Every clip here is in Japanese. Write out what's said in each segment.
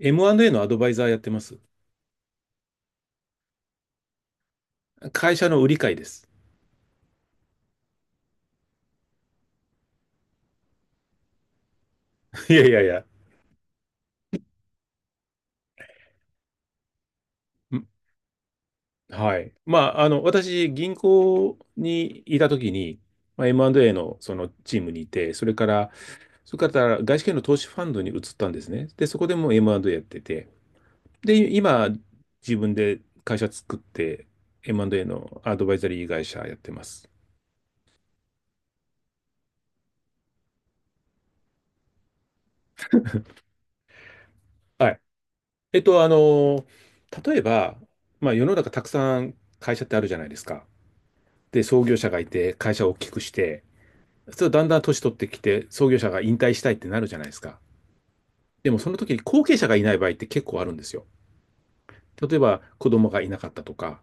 M&A のアドバイザーやってます。会社の売り買いです。いやいやいや。んはい。まあ、あの、私、銀行にいたときに、まあ、M&A のそのチームにいて、それから、外資系の投資ファンドに移ったんですね。で、そこでも M&A やってて、で、今、自分で会社作って、M&A のアドバイザリー会社やってます。はい。あの、例えば、まあ、世の中たくさん会社ってあるじゃないですか。で、創業者がいて、会社を大きくして、そうだんだん年取ってきて、創業者が引退したいってなるじゃないですか。でもその時に後継者がいない場合って結構あるんですよ。例えば子供がいなかったとか、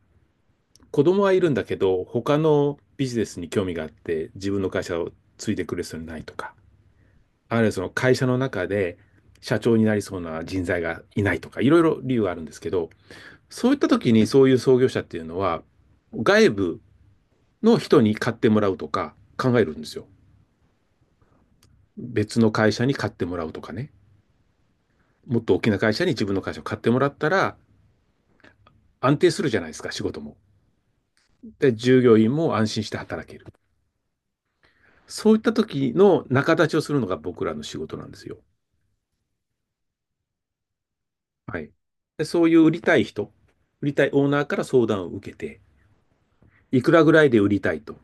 子供はいるんだけど、他のビジネスに興味があって自分の会社を継いでくれそうにないとか、あるいはその会社の中で社長になりそうな人材がいないとか、いろいろ理由があるんですけど、そういった時にそういう創業者っていうのは、外部の人に買ってもらうとか考えるんですよ。別の会社に買ってもらうとかね。もっと大きな会社に自分の会社を買ってもらったら、安定するじゃないですか、仕事も。で、従業員も安心して働ける。そういった時の仲立ちをするのが僕らの仕事なんですよ。はい。で、そういう売りたい人、売りたいオーナーから相談を受けて、いくらぐらいで売りたいと。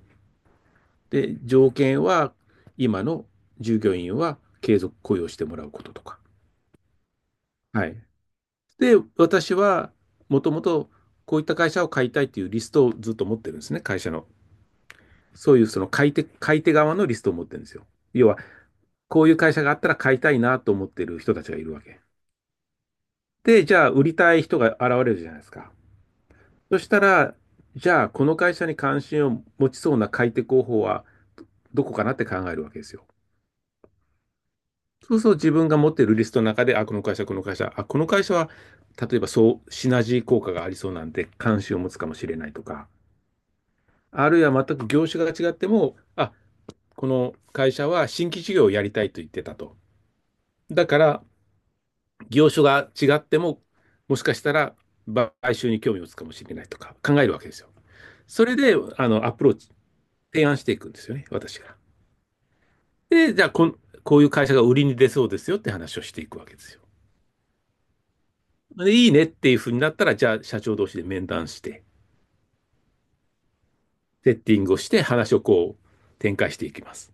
で、条件は、今の従業員は継続雇用してもらうこととか。はい。で、私は、もともとこういった会社を買いたいというリストをずっと持ってるんですね、会社の。そういうその買い手、買い手側のリストを持ってるんですよ。要は、こういう会社があったら買いたいなと思ってる人たちがいるわけ。で、じゃあ、売りたい人が現れるじゃないですか。そしたら、じゃあ、この会社に関心を持ちそうな買い手候補はどこかなって考えるわけですよ。そうすると自分が持っているリストの中で、あ、この会社、この会社、あ、この会社は、例えばそう、シナジー効果がありそうなんで、関心を持つかもしれないとか、あるいは全く業種が違っても、あ、この会社は新規事業をやりたいと言ってたと。だから、業種が違っても、もしかしたら買収に興味を持つかもしれないとか考えるわけですよ。それで、あの、アプローチ、提案していくんですよね、私が。で、じゃあ、こういう会社が売りに出そうですよって話をしていくわけですよ。で、いいねっていうふうになったら、じゃあ、社長同士で面談して、セッティングをして、話をこう、展開していきます。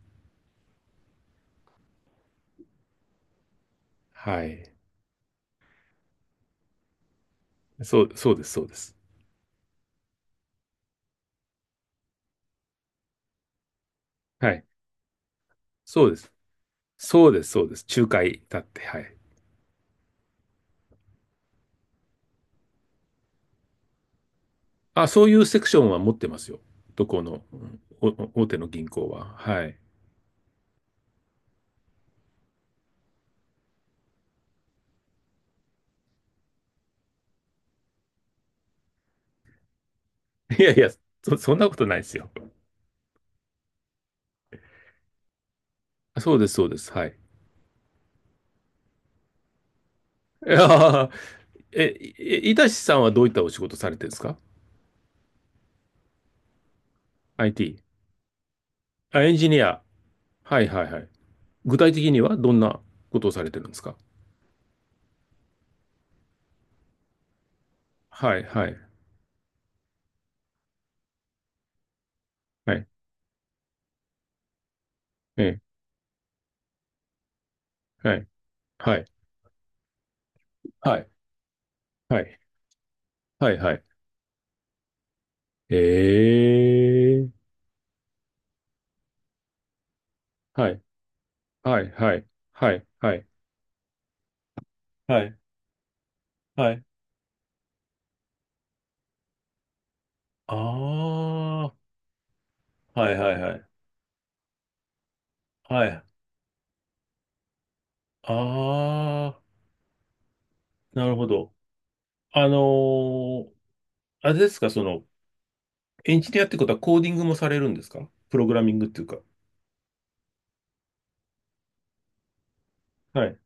はい。そうです、そうです。はい。そうです。そうです、そうです。仲介だって、はい。あ、そういうセクションは持ってますよ。どこの、うんお大手の銀行は。はい。いやいや、そんなことないですよ。そうです、そうです。はい。いやーえ、いいたしさんはどういったお仕事されてるんですか？ IT。あ、エンジニア。はい、はい、はい。具体的にはどんなことをされてるんですか？はい、はい、はい、ええ、はい、はい、はい、はい、はい、はい。ええ、はい、はい、はい、はい、はい、はい、はい。はい。ああ、はいはいはい。はい。ああ、なるほど。あのーあれですか、その、エンジニアってことはコーディングもされるんですか？プログラミングっていうか。はい。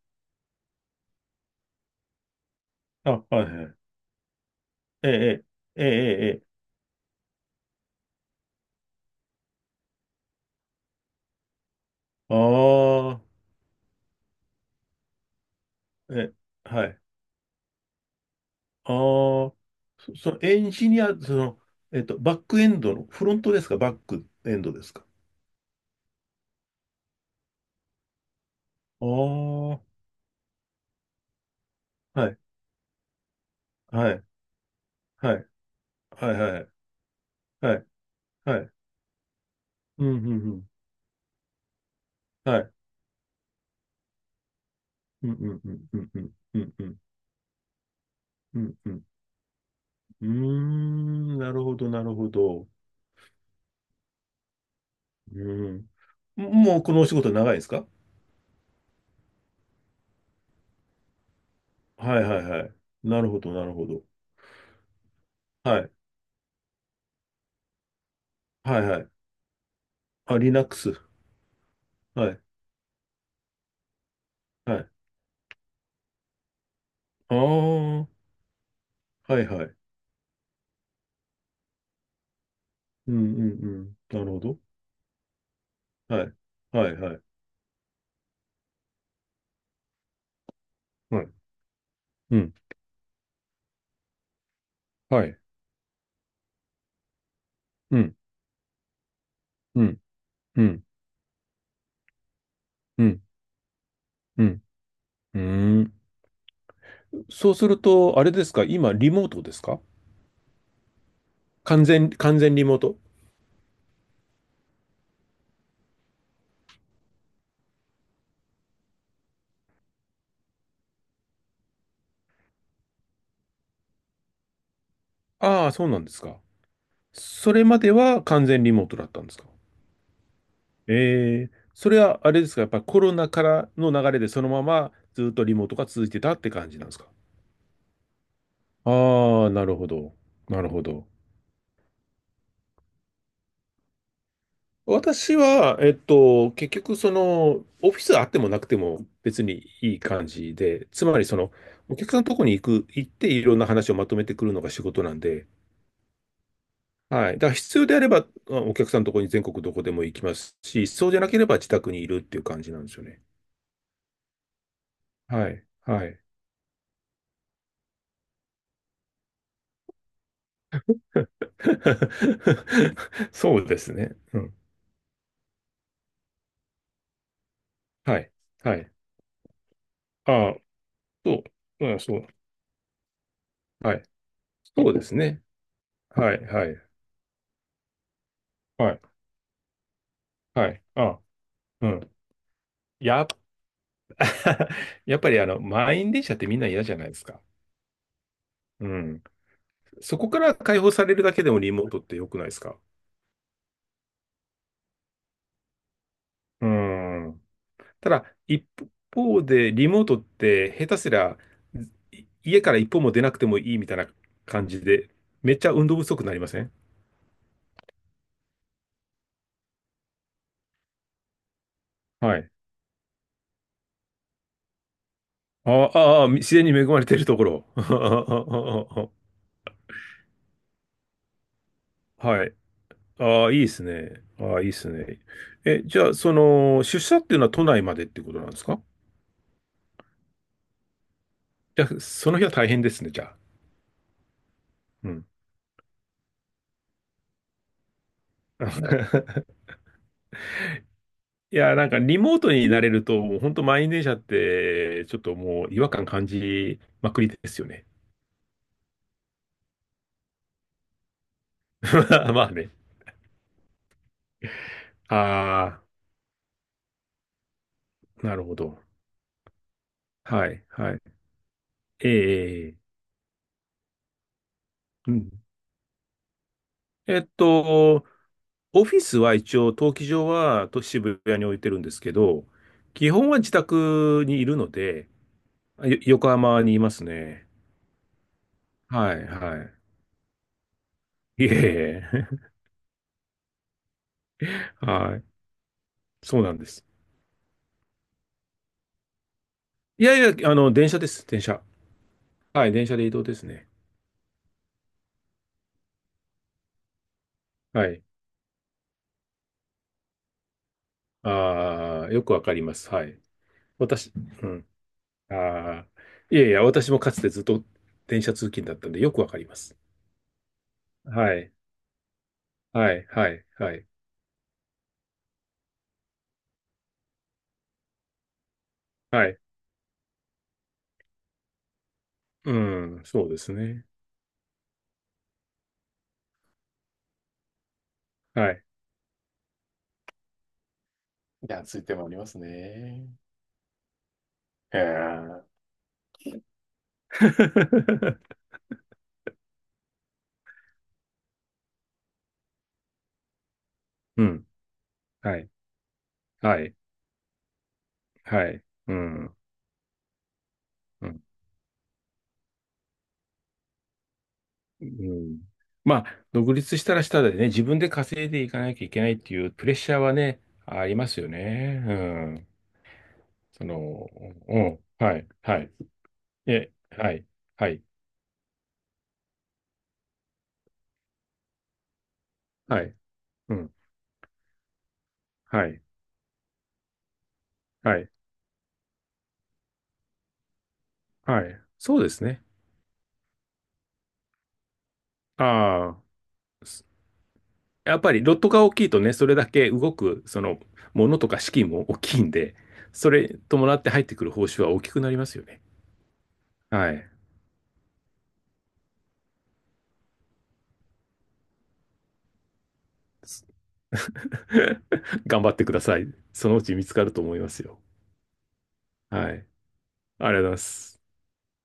あ、はい、はい。ええ、ええ、ええ、ええ。ああ、え、はい。ああ、そのエンジニア、その、バックエンドの、フロントですか？バックエンドですか？ああ、はい、はい、はい、はい、はい、はい、はい。はいうん、うん、うん。はい。うん、うん、うん、うん、うん、うん、うん、うん。うんうーん、なるほど、なるほど。うん。もうこのお仕事長いですか？はいはいはい。なるほど、なるほど。はい。はいはい。あ、Linux。はい。はい。ああ、はいはい。うんうんうん。なるほど。はい。はいはい。はい。うん。はい。うん。うん。うん。うん。うん。うーんそうすると、あれですか？今、リモートですか？完全リモート？ああ、そうなんですか。それまでは完全リモートだったんですか？えーそれはあれですか、やっぱりコロナからの流れでそのままずっとリモートが続いてたって感じなんですか？ああ、なるほど。なるほど。私は、結局、その、オフィスあってもなくても別にいい感じで、つまり、その、お客さんのとこに行っていろんな話をまとめてくるのが仕事なんで、はい。だから必要であれば、まあお客さんのとこに全国どこでも行きますし、そうじゃなければ自宅にいるっていう感じなんですよね。はい。はい。そうですね。うん。はい。はい。ああ、そう。うん、そう。はい。そうですね。はい、はい。はい。はい。あ、うん。やっぱ、やっぱりあの、満員電車ってみんな嫌じゃないですか。うん。そこから解放されるだけでもリモートって良くないですか？うん。ただ、一方で、リモートって下手すりゃ、家から一歩も出なくてもいいみたいな感じで、めっちゃ運動不足になりません？はい。ああ、あ自然に恵まれているところ。はい。ああ、いいですね。ああ、いいですね。え、じゃあ、その、出社っていうのは都内までってことなんですか？じゃあ、その日は大変ですね、じゃあ。うん。いや、なんかリモートになれると、もう本当満員電車って、ちょっともう違和感感じまくりですよね。まあね。ああ、なるほど。はい、はい。ええ、うん。えっと、オフィスは一応、登記上は渋谷に置いてるんですけど、基本は自宅にいるので、横浜にいますね。はい、はい。いえいえ、はい。そうなんです。いやいや、あの、電車です、電車。はい、電車で移動ですね。はい。ああ、よくわかります。はい。私、うん。ああ、いやいや、私もかつてずっと電車通勤だったんで、よくわかります。はい、はい、はい、はい、はい。うん、そうですね。はい。いや、ついてもありますね。えー、うん。はい。はい。はい。うん。うん。うんまあ、独立したらしたでね、自分で稼いでいかなきゃいけないっていうプレッシャーはね、ありますよね。うん。その、うん。はい。はい。え、はい。はい。はい。うん。はい。はい。はい。そうですね。ああ。やっぱりロットが大きいとね、それだけ動く、その、ものとか資金も大きいんで、それ伴って入ってくる報酬は大きくなりますよね。はい。頑張ってください。そのうち見つかると思いますよ。はい。ありがとうございます。